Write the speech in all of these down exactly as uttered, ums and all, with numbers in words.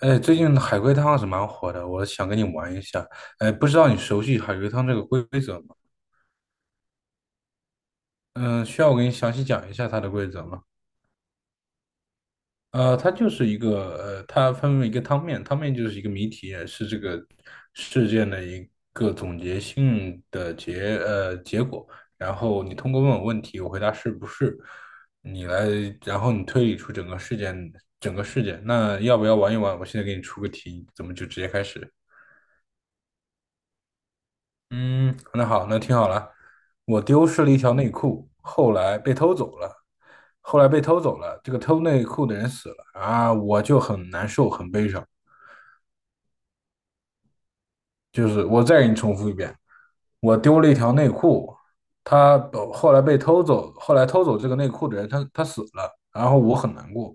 哎，最近海龟汤是蛮火的，我想跟你玩一下。哎，不知道你熟悉海龟汤这个规规则吗？嗯、需要我给你详细讲一下它的规则吗？呃，它就是一个呃，它分为一个汤面，汤面就是一个谜题，是这个事件的一个总结性的结呃结果。然后你通过问我问题，我回答是不是，你来，然后你推理出整个事件整个事件。那要不要玩一玩？我现在给你出个题，怎么就直接开始。嗯，那好，那听好了，我丢失了一条内裤，后来被偷走了，后来被偷走了，这个偷内裤的人死了啊，我就很难受，很悲伤。就是我再给你重复一遍，我丢了一条内裤，他呃后来被偷走，后来偷走这个内裤的人，他他死了，然后我很难过。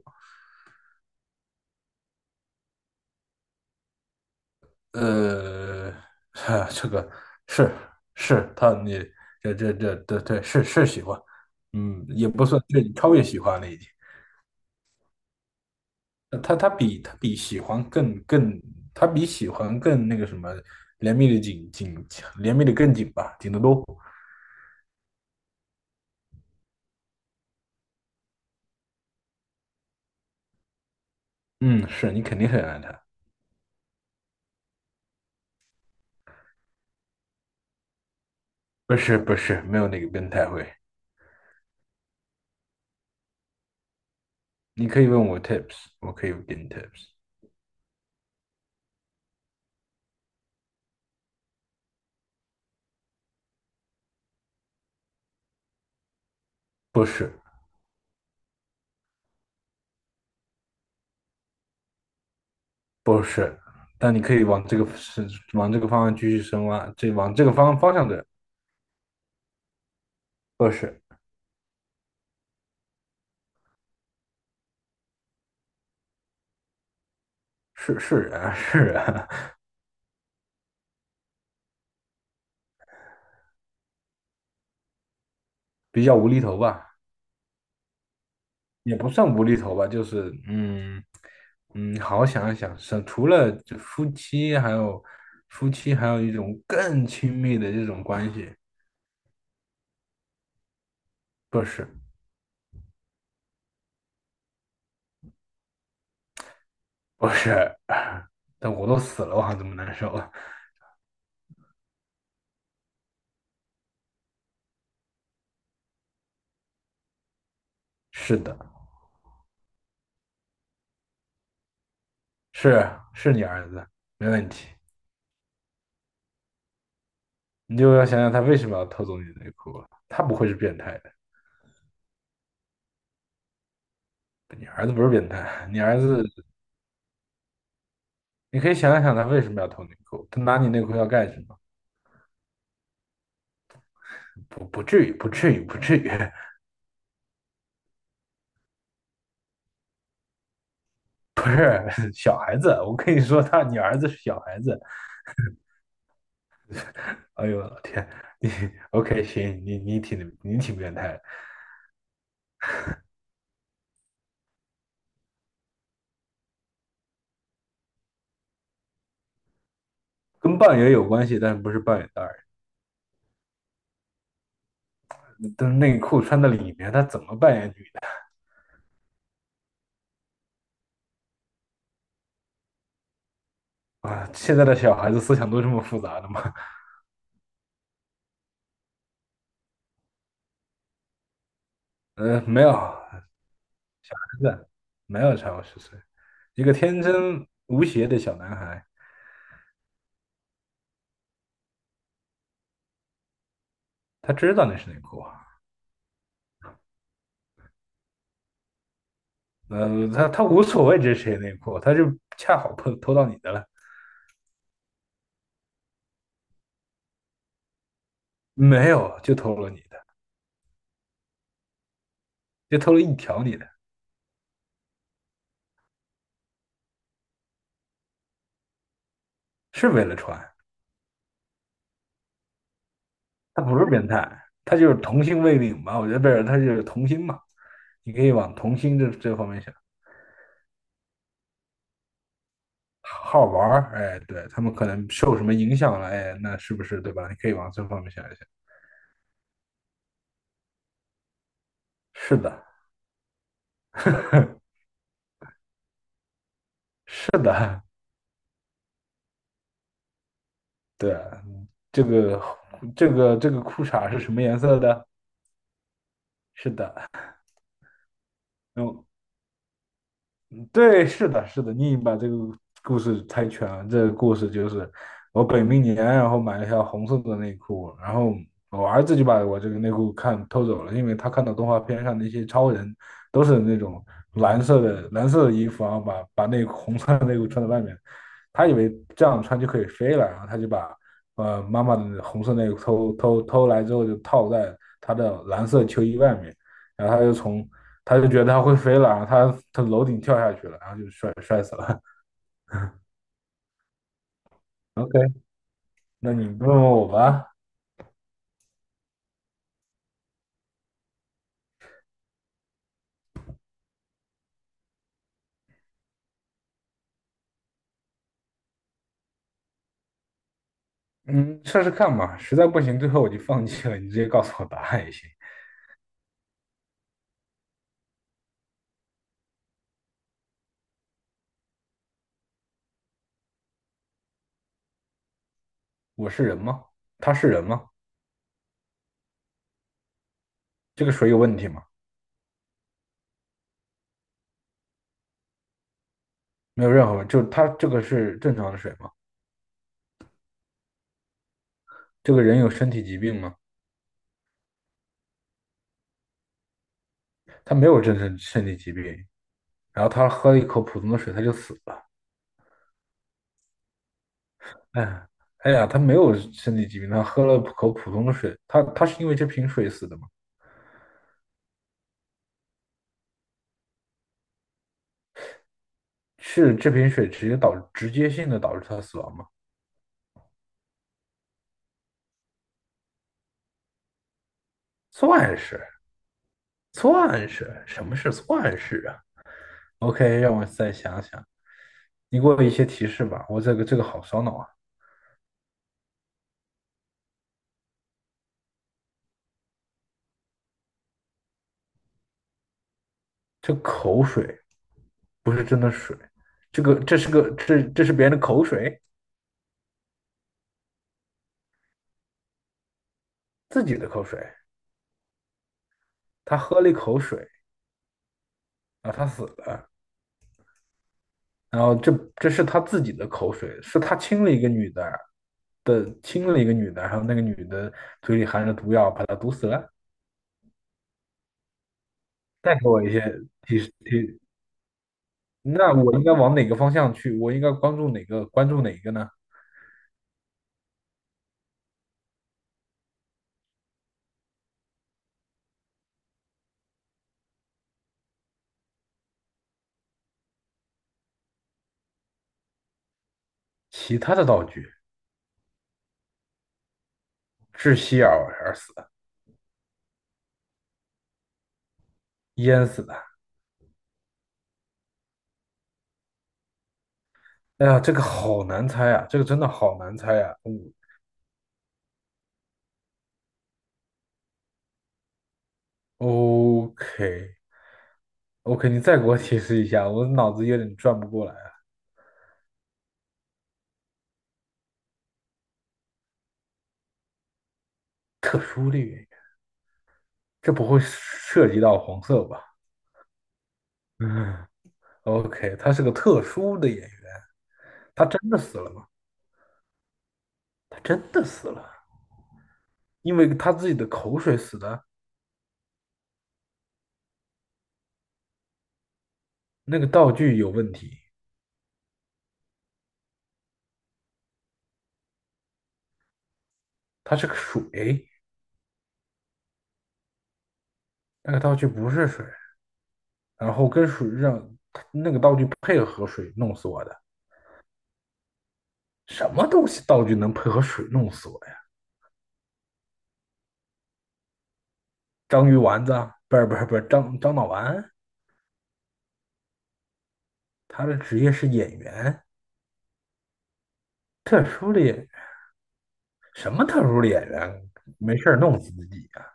呃，这个是是他你这这这这对是是喜欢，嗯，也不算对，超越喜欢了已经。呃他他比他比喜欢更更，他比喜欢更那个什么，怜悯的紧紧，怜悯的更紧吧，紧得多。嗯，是你肯定很爱他，不是不是，没有那个变态会。你可以问我 tips,我可以给你 tips,不是不是，但你可以往这个是往这个方向继续深挖，这往这个方方向的，不是是是人啊是人啊，比较无厘头吧。也不算无厘头吧，就是嗯嗯，好好想一想，是除了这夫妻，还有夫妻，还有一种更亲密的这种关系，不是不是，但我都死了，我还怎么难受啊？是的，是是你儿子，没问题，你就要想想他为什么要偷走你的内裤啊他不会是变态的，你儿子不是变态，你儿子，你可以想一想他为什么要偷内裤，他拿你内裤要干什么？不不至于，不至于，不至于。不是小孩子，我跟你说他，你儿子是小孩子。哎呦我天，OK,行，你你挺你挺变态的，跟扮演有关系，但是不是扮演大人。但是内裤穿在里面，他怎么扮演女啊？现在的小孩子思想都这么复杂的吗？呃，没有，真的没有超过十岁，一个天真无邪的小男孩，他知道那是内裤，啊。呃，他他无所谓这是谁内裤，他就恰好碰偷到你的了，没有就偷了你的，就偷了一条你的，是为了穿。他不是变态，他就是童心未泯吧？我觉得不是，他就是童心嘛，你可以往童心这这方面想，好玩儿，哎，对，他们可能受什么影响了，哎，那是不是对吧？你可以往这方面想一想。是的，是的，对啊，这个这个这个裤衩是什么颜色的？是的，嗯，对，是的，是的，你把这个故事猜全了。这个故事就是我本命年，然后买了一条红色的内裤，然后我儿子就把我这个内裤看偷走了，因为他看到动画片上那些超人都是那种蓝色的蓝色的衣服，然后把把那红色的内裤穿在外面，他以为这样穿就可以飞了，然后他就把呃妈妈的红色内裤偷偷偷来之后就套在他的蓝色秋衣外面。然后他就从他就觉得他会飞了，然后他从楼顶跳下去了，然后就摔摔死了。OK,那你问问我吧，嗯，试试看嘛，实在不行，最后我就放弃了，你直接告诉我答案也行。我是人吗？他是人吗？这个水有问题吗？没有任何问题，就他这个是正常的水吗？这个人有身体疾病吗？他没有真正身体疾病，然后他喝了一口普通的水，他就死了。哎，哎呀，他没有身体疾病，他喝了口普通的水，他他是因为这瓶水死的吗？是这瓶水直接导直接性的导致他死亡吗？算是，算是，什么是算是啊？OK,让我再想想，你给我一些提示吧。我这个这个好烧脑啊，这口水不是真的水，这个这是个这这是别人的口水，自己的口水，他喝了一口水，然后他死了，然后这这是他自己的口水，是他亲了一个女的的亲了一个女的，然后那个女的嘴里含着毒药把他毒死了。再给我一些提示提，那我应该往哪个方向去？我应该关注哪个？关注哪个呢？其他的道具，窒息而而死的，淹死的。哎呀，这个好难猜啊，这个真的好难猜啊。嗯，OK OK，你再给我提示一下，我脑子有点转不过来了。特殊的原因，这不会涉及到黄色吧？嗯，OK,他是个特殊的演员，他真的死了吗？他真的死了，因为他自己的口水死的。那个道具有问题，它是个水，那个道具不是水，然后跟水让那个道具配合水弄死我的。什么东西道具能配合水弄死我呀？章鱼丸子，不是不是不是张张脑丸，他的职业是演员，什么特殊的演员？没事儿弄死自己呀、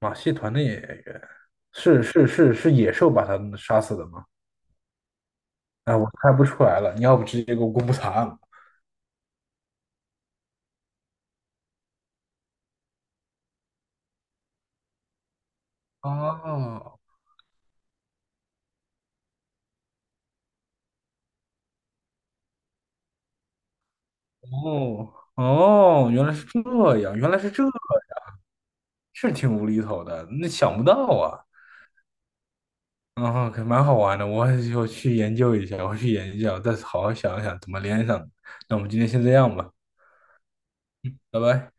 马戏团的演员是是是是野兽把他杀死的吗？啊，我猜不出来了，你要不直接给我公布答案吧？哦，哦哦，原来是这样，原来是这样，是挺无厘头的，那想不到啊。然后可蛮好玩的，我我去研究一下，我去研究，一下，再好好想一想怎么连上的那我们今天先这样吧，拜拜。